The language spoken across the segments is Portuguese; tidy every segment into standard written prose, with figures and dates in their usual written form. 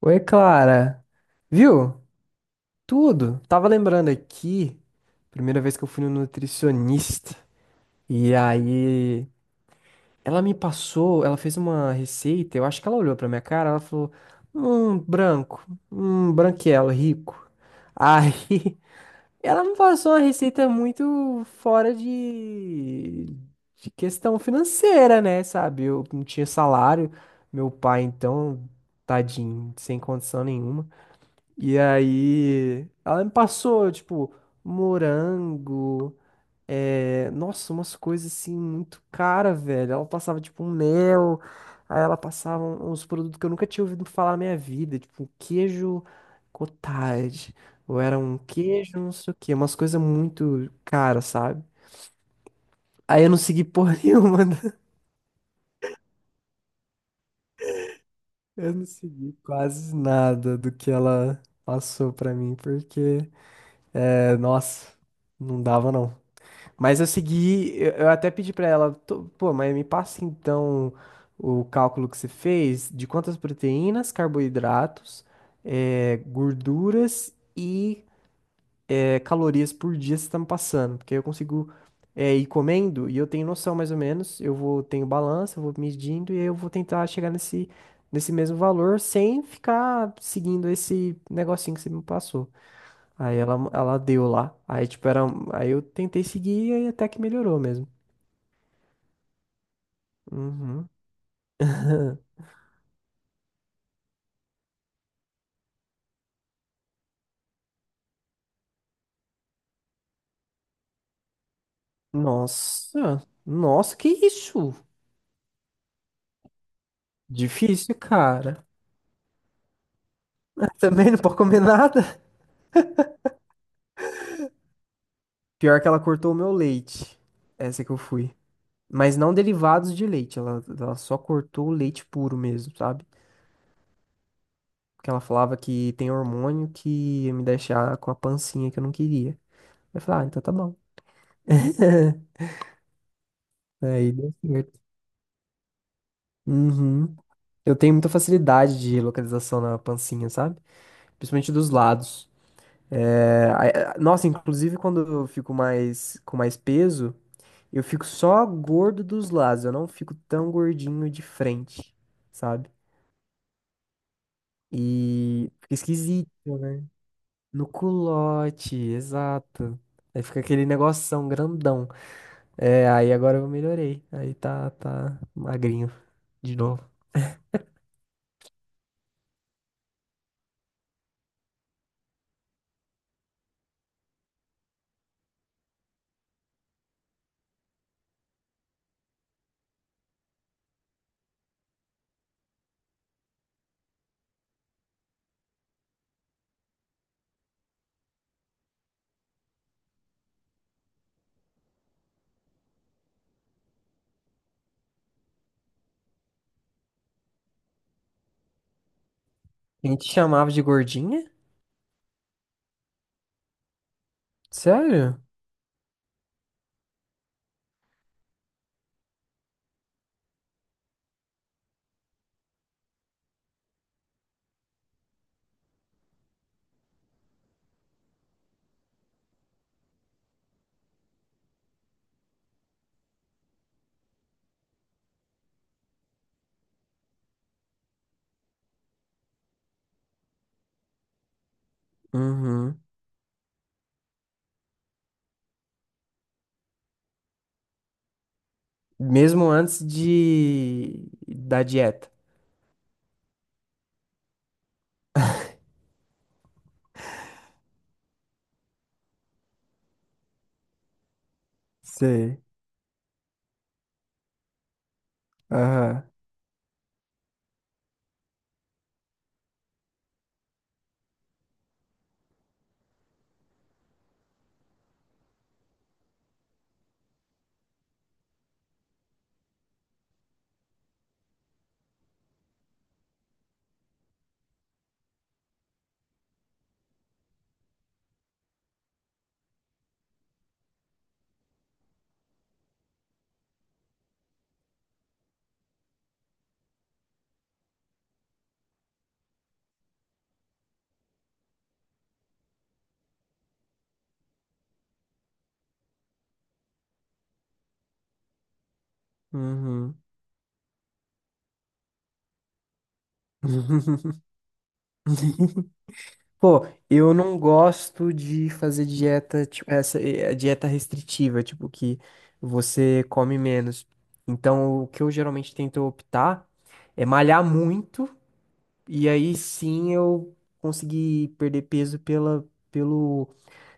Oi, Clara. Viu? Tudo. Tava lembrando aqui, primeira vez que eu fui no nutricionista. E aí, ela me passou, ela fez uma receita, eu acho que ela olhou pra minha cara, ela falou: branco, branquelo, rico". Aí, ela me passou uma receita muito fora de questão financeira, né, sabe? Eu não tinha salário, meu pai então, tadinho, sem condição nenhuma. E aí, ela me passou, tipo, morango, nossa, umas coisas assim muito cara, velho. Ela passava, tipo, um mel, aí ela passava uns produtos que eu nunca tinha ouvido falar na minha vida, tipo, um queijo cottage, ou era um queijo, não sei o quê, umas coisas muito caras, sabe? Aí eu não segui porra nenhuma, né? Eu não segui quase nada do que ela passou pra mim, porque, nossa, não dava não. Mas eu segui, eu até pedi pra ela, pô, mas me passa então o cálculo que você fez de quantas proteínas, carboidratos, gorduras e calorias por dia você está me passando, porque aí eu consigo ir comendo e eu tenho noção mais ou menos, eu vou tenho balança, eu vou medindo e aí eu vou tentar chegar nesse mesmo valor sem ficar seguindo esse negocinho que você me passou. Aí ela deu lá. Aí, tipo, era um. Aí eu tentei seguir e até que melhorou mesmo. Uhum. Nossa, nossa, que isso? Difícil, cara. Também não pode comer nada. Pior que ela cortou o meu leite. Essa que eu fui. Mas não derivados de leite. Ela só cortou o leite puro mesmo, sabe? Porque ela falava que tem hormônio que ia me deixar com a pancinha que eu não queria. Eu falei, ah, então tá bom. Aí deu certo. Uhum. Eu tenho muita facilidade de localização na pancinha, sabe? Principalmente dos lados. É, nossa, inclusive quando eu fico mais com mais peso, eu fico só gordo dos lados, eu não fico tão gordinho de frente, sabe? E fica esquisito, né? No culote, exato. Aí fica aquele negoção grandão. É, aí agora eu melhorei. Aí tá magrinho de novo. A gente chamava de gordinha? Sério? Uhum. Mesmo antes de da dieta. Sei. Aham. Uhum. Pô, eu não gosto de fazer dieta, tipo, essa dieta restritiva, tipo, que você come menos. Então, o que eu geralmente tento optar é malhar muito, e aí sim eu consegui perder peso pela, pelo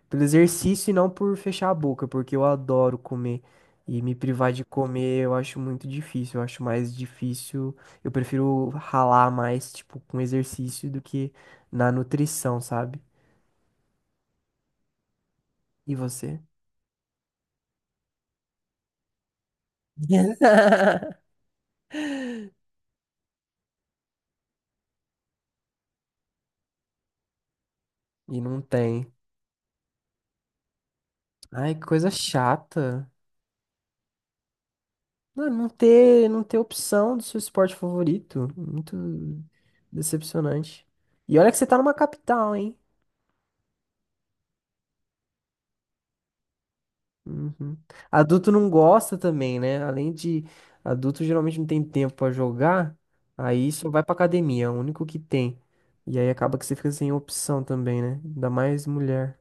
Pelo exercício e não por fechar a boca, porque eu adoro comer. E me privar de comer eu acho muito difícil. Eu acho mais difícil. Eu prefiro ralar mais, tipo, com exercício do que na nutrição, sabe? E você? E não tem. Ai, que coisa chata. Não, não ter opção do seu esporte favorito. Muito decepcionante. E olha que você tá numa capital, hein? Uhum. Adulto não gosta também, né? Além de adulto geralmente não tem tempo pra jogar, aí só vai pra academia, é o único que tem. E aí acaba que você fica sem opção também, né? Ainda mais mulher.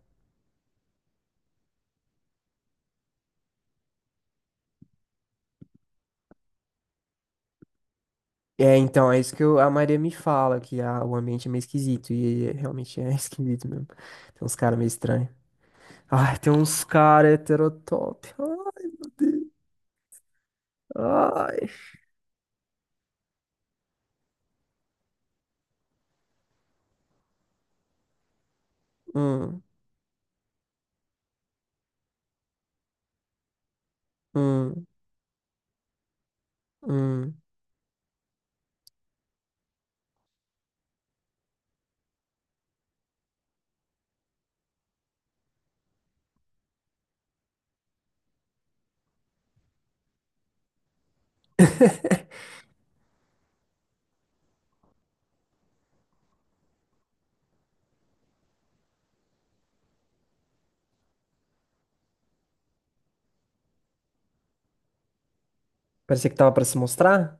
É, então, é isso que a Maria me fala, que o ambiente é meio esquisito, e realmente é esquisito mesmo. Tem uns caras meio estranhos. Ai, tem uns caras heterotop. Ai. Hum, hum, hum. Parecia que tava pra se mostrar?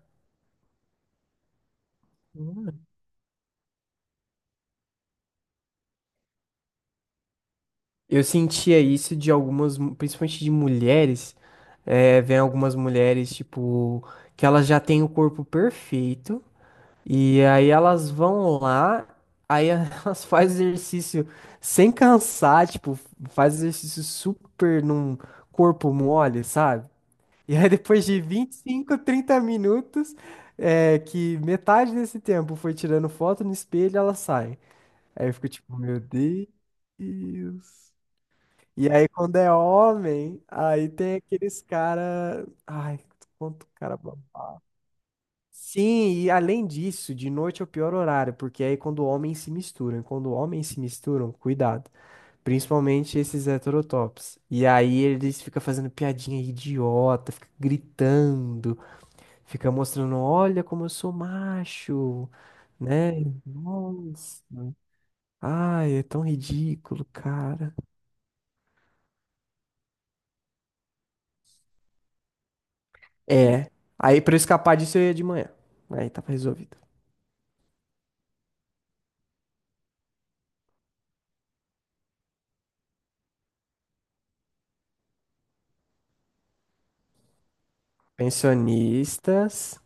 Eu sentia isso de algumas, principalmente de mulheres, vem algumas mulheres, tipo, que elas já têm o corpo perfeito, e aí elas vão lá, aí elas fazem exercício sem cansar, tipo, faz exercício super num corpo mole, sabe? E aí depois de 25 30 minutos, que metade desse tempo foi tirando foto no espelho, elas saem. Aí eu fico tipo, meu Deus. E aí, quando é homem, aí tem aqueles cara. Ai, quanto cara bom. Sim, e além disso, de noite é o pior horário, porque aí quando homens se misturam. Quando homens se misturam, cuidado. Principalmente esses heterotops. E aí eles ficam fazendo piadinha idiota, fica gritando, fica mostrando, olha como eu sou macho, né? Nossa. Ai, é tão ridículo, cara. É. Aí pra eu escapar disso eu ia de manhã. Aí tava resolvido. Pensionistas.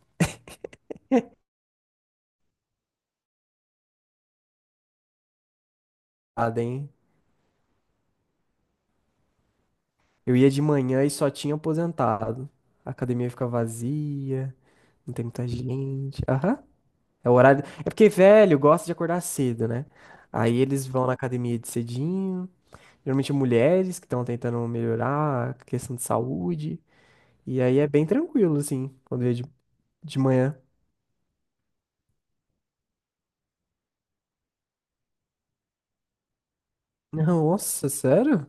Nada, hein? Eu ia de manhã e só tinha aposentado. A academia fica vazia, não tem muita gente. Aham. É o horário. É porque velho gosta de acordar cedo, né? Aí eles vão na academia de cedinho. Geralmente mulheres que estão tentando melhorar a questão de saúde. E aí é bem tranquilo, assim, quando eu ia de manhã. Não, nossa, sério?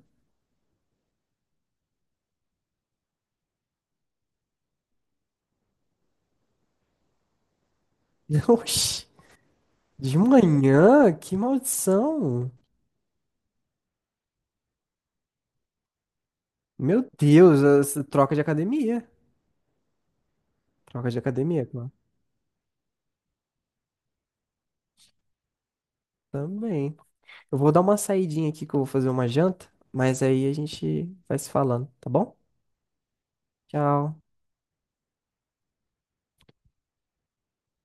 Oxi. De manhã? Que maldição! Meu Deus, essa troca de academia. Troca de academia, claro. Também. Eu vou dar uma saidinha aqui que eu vou fazer uma janta, mas aí a gente vai se falando, tá bom? Tchau.